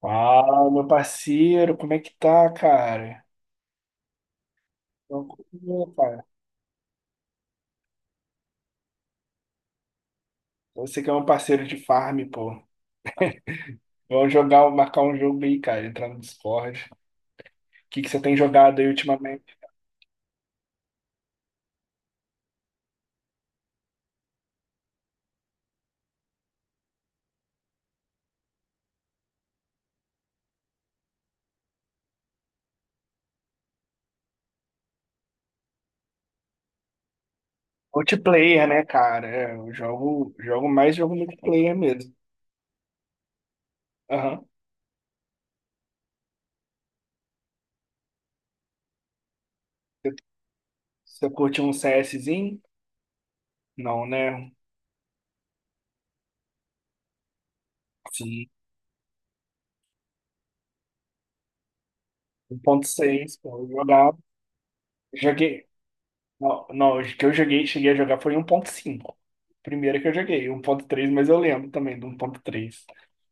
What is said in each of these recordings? Fala, meu parceiro, como é que tá, cara? Tranquilo, cara. Você que é um parceiro de farm, pô. Vamos jogar, marcar um jogo aí, cara, entrar no Discord. O que que você tem jogado aí ultimamente? Multiplayer, né, cara? É, eu jogo, jogo mais jogo multiplayer mesmo. Aham. Você você curte um CSzinho? Não, né? Sim. Um ponto seis, pô, eu jogava. Joguei. Não, os que eu joguei, cheguei a jogar foi um ponto cinco. Primeiro que eu joguei, um ponto três, mas eu lembro também do 1.3.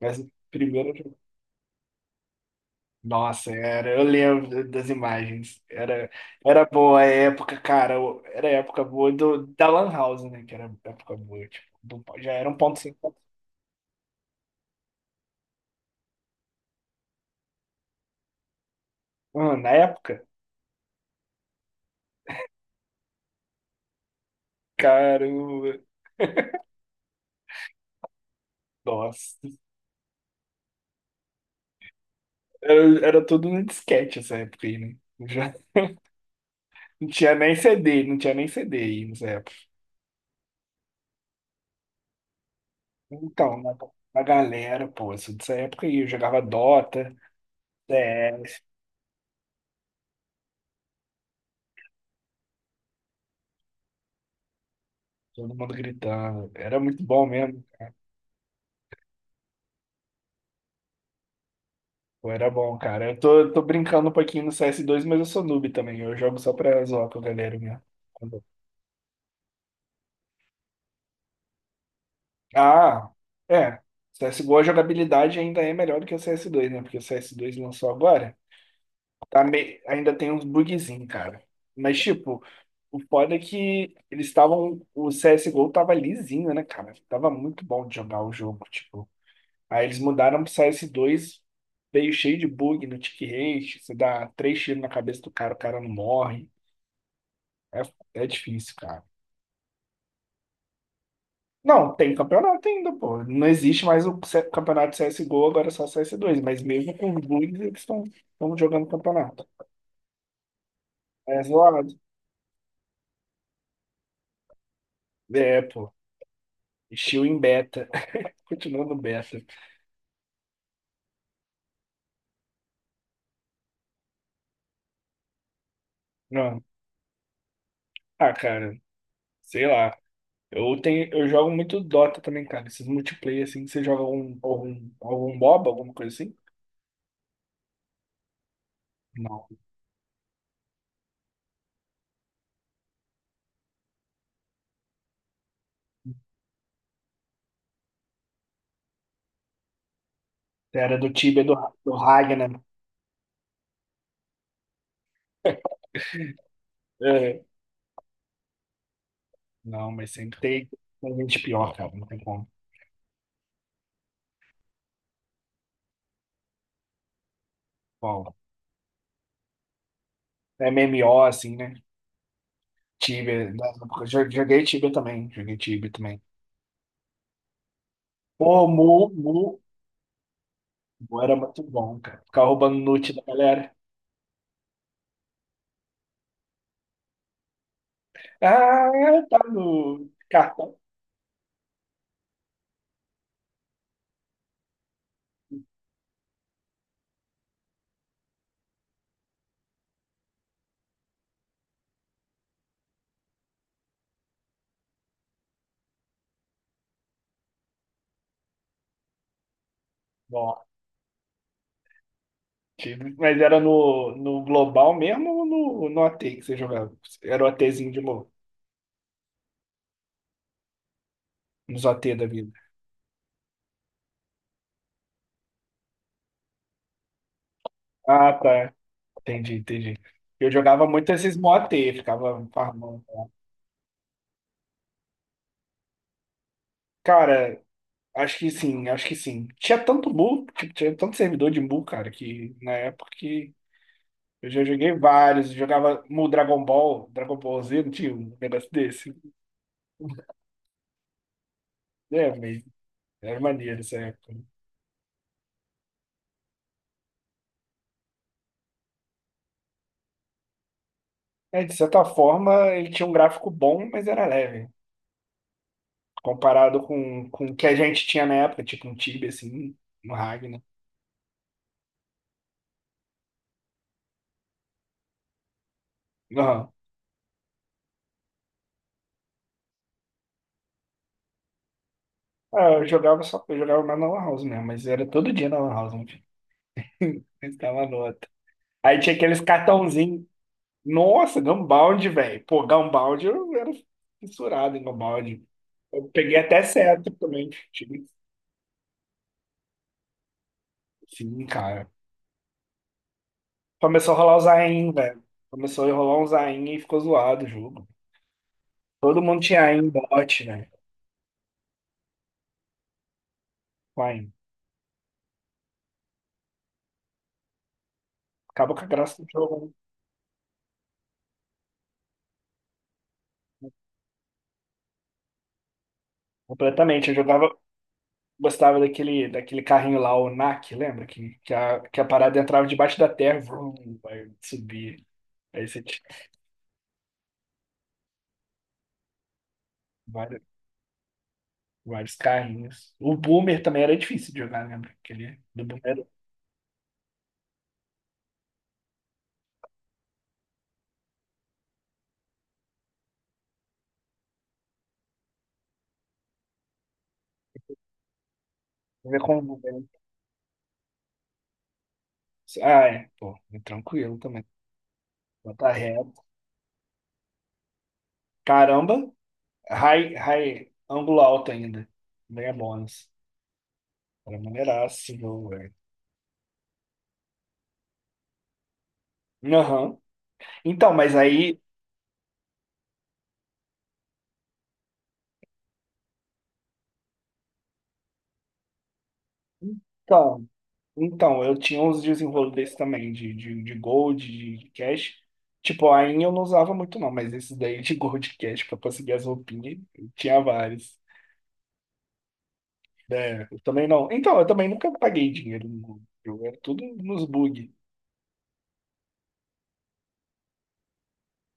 Mas o primeiro eu joguei. Nossa, eu lembro das imagens. Era, era boa a época, cara. Era a época boa da Lan House, né? Que era a época boa. Tipo, já era um 1.5. Ah, na época, cara, nossa. Era, era tudo no disquete essa época aí, né? Já, não tinha nem CD, não tinha nem CD aí nessa época. Então, na a galera, pô, isso dessa época aí, eu jogava Dota, CS, todo mundo gritando. Era muito bom mesmo. Pô, era bom, cara. Eu tô brincando um pouquinho no cs dois, mas eu sou noob também. Eu jogo só pra zoar com a galera mesmo. Quando- Ah, é. CSGO, a jogabilidade ainda é melhor do que o cs dois, né? Porque o cs dois lançou agora. Tá me... Ainda tem uns bugzinhos, cara. Mas, tipo, o foda é que eles estavam. O CSGO tava lisinho, né, cara? Tava muito bom de jogar o jogo. Tipo, aí eles mudaram pro cs dois, veio cheio de bug no tick rate, você dá três tiros na cabeça do cara, o cara não morre. É, é difícil, cara. Não, tem campeonato ainda, pô. Não existe mais o campeonato de CSGO, agora é só cs dois. Mas mesmo com os bugs, eles estão jogando campeonato. É zoado. É, pô. Estilo em beta. Continuando beta. Não. Ah, cara, sei lá. Eu tenho, eu jogo muito Dota também, cara. Esses multiplayer, assim, você joga algum MOBA, alguma coisa assim? Não. Era do Tibia, do, do Ragnar. É. Não, mas sempre tem tem gente pior, cara. Não tem como. Bom, MMO, assim, né? Tibia. Na época, joguei Tibia também. Joguei Tibia também. Pô, Mu era muito bom, cara. Ficar roubando loot da galera. Ah, tá no cartão. Bom, Tibia. Mas era no global mesmo ou no OT que você jogava? Era o OTzinho de Mu. Nos OT da vida. Ah, tá. Entendi, entendi. Eu jogava muito esses moatê, ficava farmando. Cara, acho que sim, acho que sim. Tinha tanto mu, tipo, tinha tanto servidor de mu, cara, que na época que eu já joguei vários, jogava mu Dragon Ball, Dragon Ball Z, não tinha um negócio desse. É, mas era maneiro essa época. É, de certa forma, ele tinha um gráfico bom, mas era leve. Comparado com o que a gente tinha na época, tipo um Tibia, assim, no Ragnar. Ah, eu jogava só, eu jogava mais na Lan House mesmo, mas era todo dia na Lan House, meu filho. Mas tava nota. Aí tinha aqueles cartãozinhos. Nossa, Gunbound, velho. Pô, Gunbound, eu era fissurado em Gunbound. Eu peguei até certo também. Sim, cara. Começou a rolar o Zain, velho. Começou a rolar um Zain e ficou zoado o jogo. Todo mundo tinha Aim bot, né? Com Aim. Acabou com a graça do jogo, né? Completamente. Eu jogava. Gostava daquele, daquele carrinho lá, o NAC, lembra? Que a parada entrava debaixo da terra, vrum, vai subir. Aí você tinha vários, vários carrinhos. O Boomer também era difícil de jogar, lembra? Aquele do Boomer. Ver como o Boomer. Ah, é. Pô, é tranquilo também. Bota reto. Caramba, ângulo alto ainda. Ganha bônus. Era maneiraço, esse jogo, velho. Aham. Então, mas aí. Então, então, eu tinha uns desenrolos desse também, de gold, de cash. Tipo, a Ain eu não usava muito não, mas esses daí de gold e cash pra conseguir as roupinhas, eu tinha vários. É, eu também não. Então, eu também nunca paguei dinheiro no Google. Eu era tudo nos bug.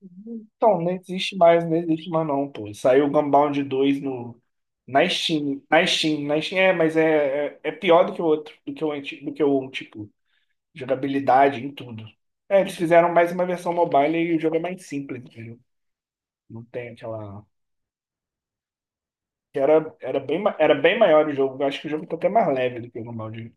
Então, não existe mais, não existe mais não, pô. Saiu o Gunbound 2 no, na Steam, na Steam, é, mas é, é pior do que o outro, do que o, do que o um, tipo. Jogabilidade em tudo. É, eles fizeram mais uma versão mobile e o jogo é mais simples, entendeu? Não tem aquela. Que era, era, bem, era bem maior o jogo. Eu acho que o jogo tá até mais leve do que o Gunbound.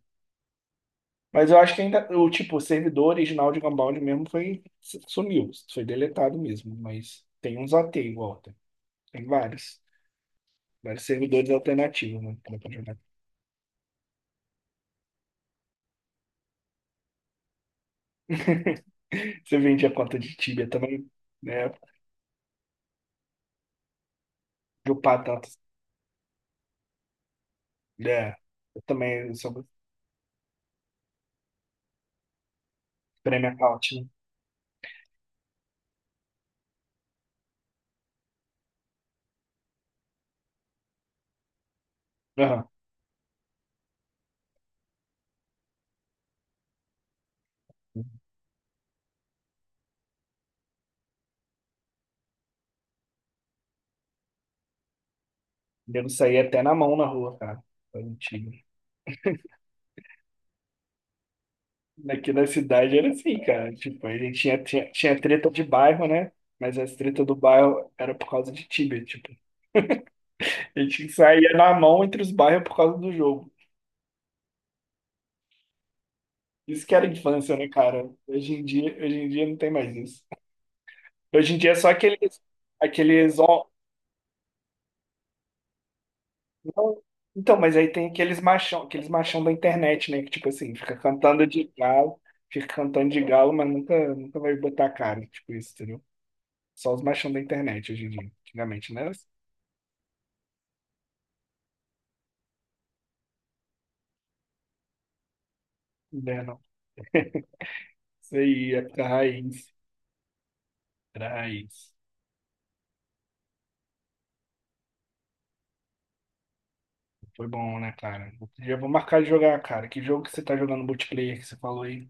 Mas eu acho que ainda. O tipo, o servidor original de Gunbound mesmo foi. Sumiu. Foi deletado mesmo. Mas tem uns AT igual. Tem, tem vários. Vários servidores alternativos, né? Que dá pra jogar. Você vende a conta de Tibia também, né? Dropar tanto. É. Eu também sou Premium account, né? Aham. Devo sair até na mão na rua, cara. Foi mentira. Aqui na cidade era assim, cara. Tipo, a gente tinha treta de bairro, né? Mas as tretas do bairro era por causa de time, tipo. A gente saía na mão entre os bairros por causa do jogo. Isso que era infância, né, cara? Hoje em dia não tem mais isso. Hoje em dia é só aqueles, on- não, então, mas aí tem aqueles machão da internet, né? Que tipo assim, fica cantando de galo, fica cantando de galo, mas nunca vai botar a cara, tipo isso, entendeu? Só os machão da internet hoje em dia. Antigamente, não era assim. Não era, não. Isso aí, época raiz. Era raiz. Foi bom, né, cara? Outro dia eu vou marcar de jogar, cara. Que jogo que você tá jogando multiplayer que você falou aí?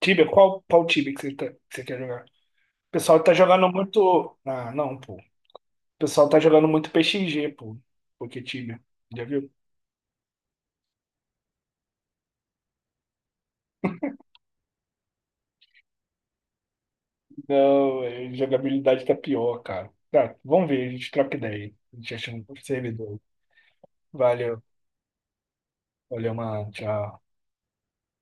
Tibia, qual, qual Tibia que você, que você quer jogar? O pessoal tá jogando muito. Ah, não, pô. O pessoal tá jogando muito PXG, pô. Porque Tibia. Já viu? Não, é, jogabilidade tá pior, cara. Tá, vamos ver, a gente troca ideia aí. A gente acha um servidor. Valeu. Valeu, mano. Tchau.